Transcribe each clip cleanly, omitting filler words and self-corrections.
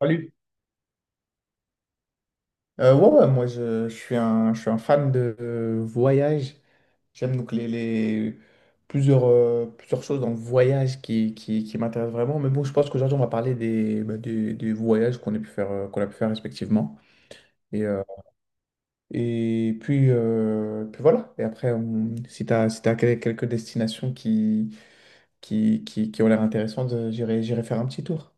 Salut. Ouais, ouais, moi je suis un fan de voyage. J'aime donc plusieurs choses dans le voyage qui m'intéressent vraiment. Mais bon, je pense qu'aujourd'hui on va parler bah, des voyages qu'on a pu faire respectivement. Et, euh, et puis voilà. Et après, on- si tu as, si t'as quelques destinations qui ont l'air intéressantes, j'irai faire un petit tour.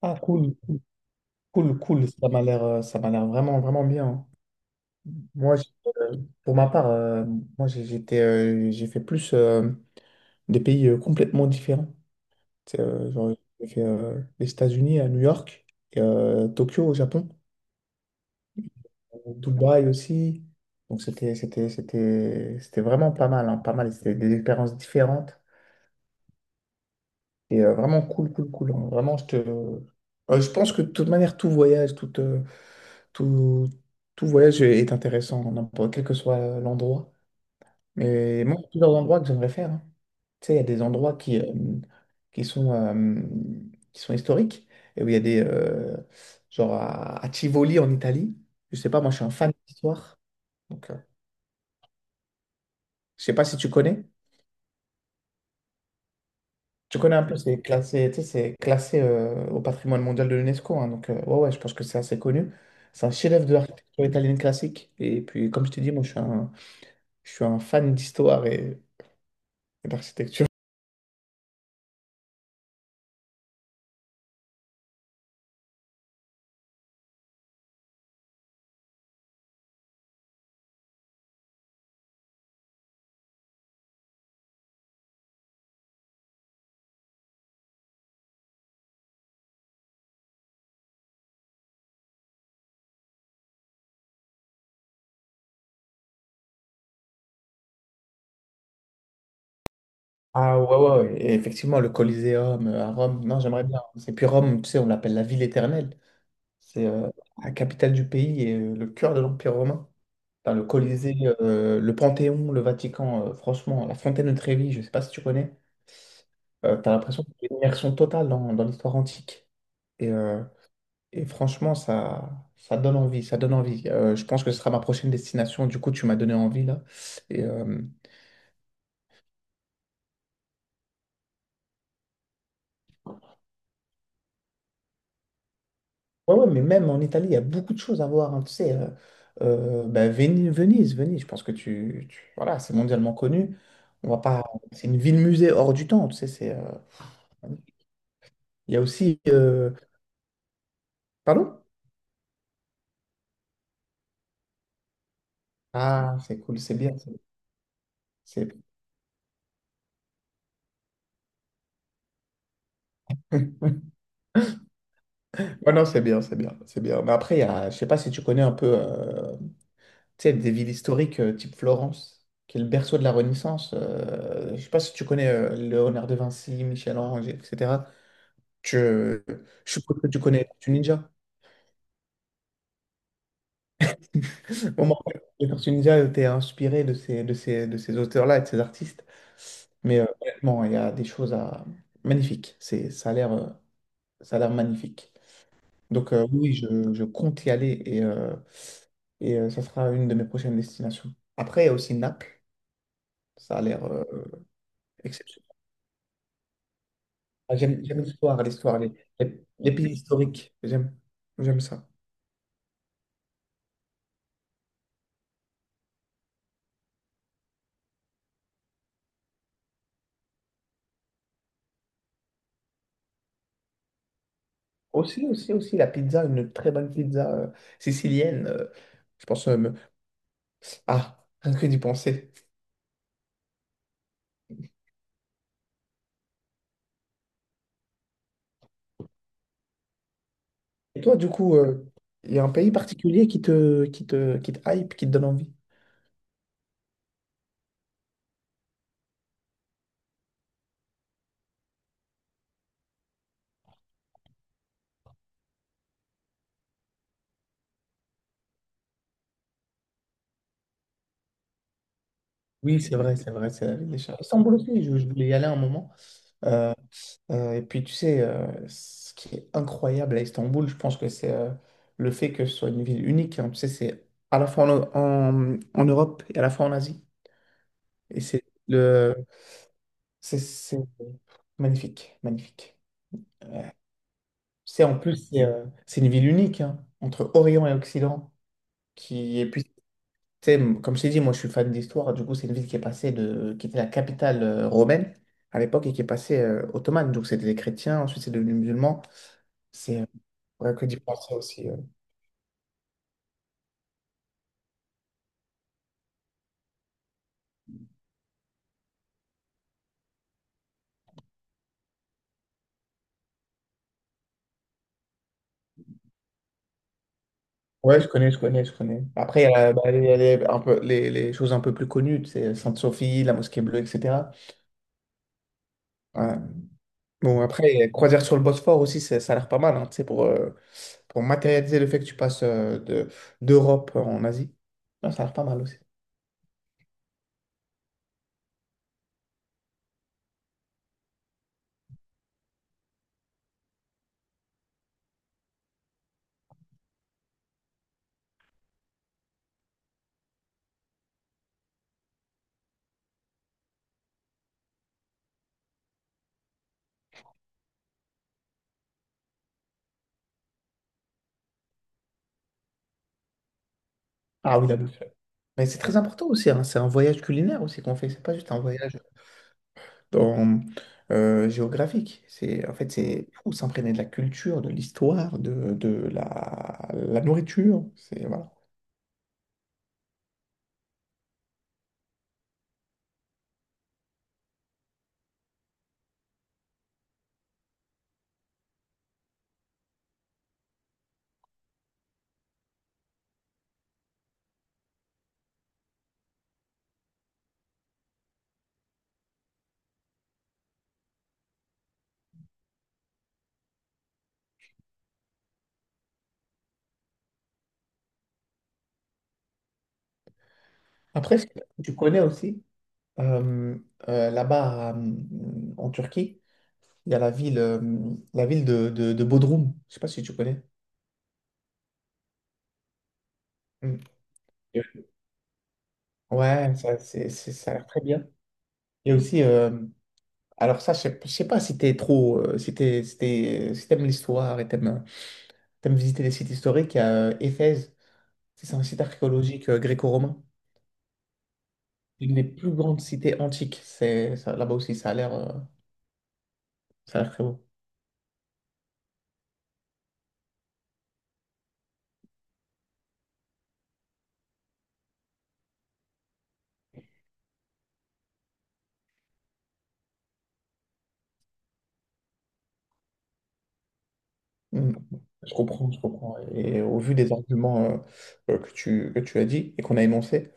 Ah, cool, cool, cool, cool. Ça m'a l'air vraiment, vraiment bien. Moi, euh, pour ma part, moi j'ai fait plus des pays complètement différents. Genre, j'ai fait les États-Unis à New York, et Tokyo au Japon, Dubaï aussi. Donc c'était vraiment pas mal, hein, pas mal. C'était des expériences différentes et vraiment cool, cool, cool, hein. Vraiment, je pense que de toute manière, tout, tout voyage est intéressant, quel que soit l'endroit. Mais moi, il y a plusieurs endroits que j'aimerais faire, hein. Tu sais, il y a des endroits qui sont, euh, qui sont historiques, et où il y a genre à Tivoli, en Italie. Je sais pas, moi, je suis un fan d'histoire. Donc, je sais pas si tu connais. Tu connais un peu, tu sais, c'est classé au patrimoine mondial de l'UNESCO, hein. Donc, ouais, ouais, je pense que c'est assez connu. C'est un chef-d'œuvre de l'architecture italienne classique. Et puis, comme je t'ai dit, moi, je suis un fan d'histoire et d'architecture. Ah ouais, ouais, ouais. Et effectivement, le Coliseum à Rome, non, j'aimerais bien. Et puis Rome, tu sais, on l'appelle la ville éternelle. C'est la capitale du pays et le cœur de l'Empire romain. T'as le Colisée, le Panthéon, le Vatican, franchement, la Fontaine de Trévi, je sais pas si tu connais. T'as l'impression que c'est une immersion totale dans l'histoire antique. Et, euh, et franchement, ça donne envie, ça donne envie. Je pense que ce sera ma prochaine destination. Du coup, tu m'as donné envie là. Et, euh, Ouais, ouais, mais même en Italie, il y a beaucoup de choses à voir, hein. Tu sais, bah, Venise, je pense que voilà, c'est mondialement connu. On va pas, c'est une ville-musée hors du temps. Tu sais, il y a aussi, pardon? Ah, c'est cool, c'est bien. C'est- Ouais, non, c'est bien, c'est bien, c'est bien. Mais après, je sais pas si tu connais un peu, tu sais, des villes historiques type Florence, qui est le berceau de la Renaissance. Je sais pas si tu connais Léonard de Vinci, Michel-Ange, etc. Je suppose que tu connais Tortue Ninja. Bon, moi, les Tortues Ninja étaient inspiré de ces auteurs-là et de ces artistes. Mais honnêtement, il y a des choses magnifiques. C'est, ça a l'air magnifique. Donc oui, je compte y aller ça sera une de mes prochaines destinations. Après, il y a aussi Naples. Ça a l'air exceptionnel. Ah, j'aime l'histoire, l'histoire, les pays historiques. J'aime ça. Aussi, aussi, aussi, la pizza, une très bonne pizza sicilienne. Je pense. Ah, rien que d'y penser. Et toi, du coup, il y a un pays particulier qui te hype, qui te donne envie? Oui, c'est vrai, c'est vrai, c'est la ville des chats. Istanbul aussi, je voulais y aller un moment. Et puis, tu sais, ce qui est incroyable à Istanbul, je pense que c'est le fait que ce soit une ville unique, hein. Tu sais, c'est à la fois en Europe et à la fois en Asie. Et c'est le, c'est magnifique, magnifique. C'est en plus, c'est une ville unique, hein, entre Orient et Occident. Et puis, tu sais, comme je t'ai dit, moi je suis fan d'histoire. Du coup, c'est une ville qui est qui était la capitale romaine à l'époque et qui est passée ottomane. Donc, c'était des chrétiens, ensuite c'est devenu musulman. C'est ouais, que d'y penser aussi. Ouais, je connais, je connais, je connais. Après, bah, il y a un peu, les choses un peu plus connues, c'est Sainte-Sophie, la Mosquée Bleue, etc. Ouais. Bon, après, croisière sur le Bosphore aussi, ça a l'air pas mal, hein, tu sais, pour matérialiser le fait que tu passes d'Europe en Asie. Non, ça a l'air pas mal aussi. Ah oui, la bouffe. Mais c'est très important aussi, hein. C'est un voyage culinaire aussi qu'on fait. C'est pas juste un voyage dans, géographique. C'est, en fait, c'est fou, s'imprégner de la culture, de l'histoire, de la nourriture. C'est, voilà. Après, ce que tu connais aussi, euh, là-bas en Turquie, il y a la ville de Bodrum. Je sais pas si tu connais. Mm. Ouais, ça a l'air très bien. Il y a aussi, alors ça, Je sais pas si t'aimes l'histoire et t'aimes visiter les sites historiques, il y a Éphèse, c'est un site archéologique gréco-romain, une des plus grandes cités antiques. Là-bas aussi, ça a l'air très beau. Mm. Je comprends, je comprends. Et au vu des arguments que tu as dit et qu'on a énoncés,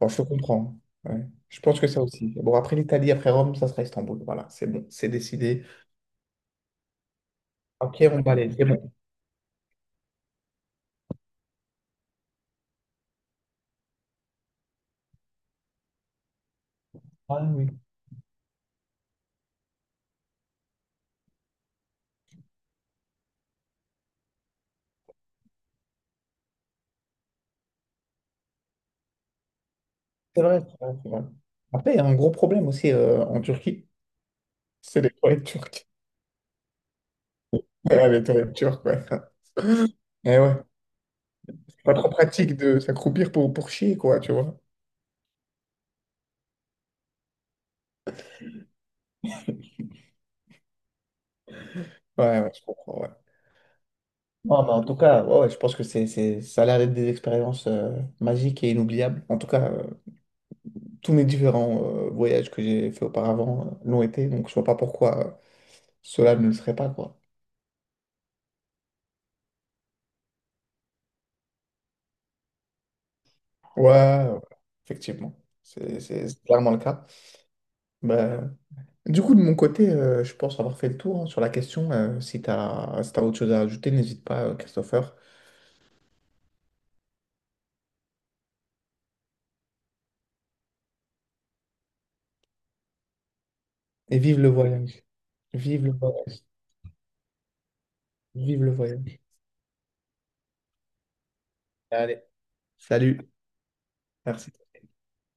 bon, je te comprends. Ouais. Je pense que ça aussi. Bon, après l'Italie, après Rome, ça sera Istanbul. Voilà, c'est bon, c'est décidé. Ok, on balaye, c'est bon. Ah oui. C'est vrai, c'est vrai, c'est vrai. Après, il y a un gros problème aussi en Turquie, c'est les toilettes turques. Ouais, les toilettes turques, ouais. Et ouais, c'est pas trop pratique de s'accroupir pour chier, quoi, tu vois. Ouais, ouais, je comprends, ouais. Non, mais en tout cas, ouais, ouais, je pense que ça a l'air d'être des expériences magiques et inoubliables. En tout cas, tous mes différents voyages que j'ai fait auparavant l'ont été, donc je vois pas pourquoi cela ne le serait pas, quoi. Ouais, ouais, effectivement, c'est clairement le cas. Ben. Du coup, de mon côté, je pense avoir fait le tour, hein, sur la question. Si tu as, si t'as autre chose à ajouter, n'hésite pas, Christopher. Et vive le voyage. Vive le voyage. Vive le voyage. Allez, salut. Merci.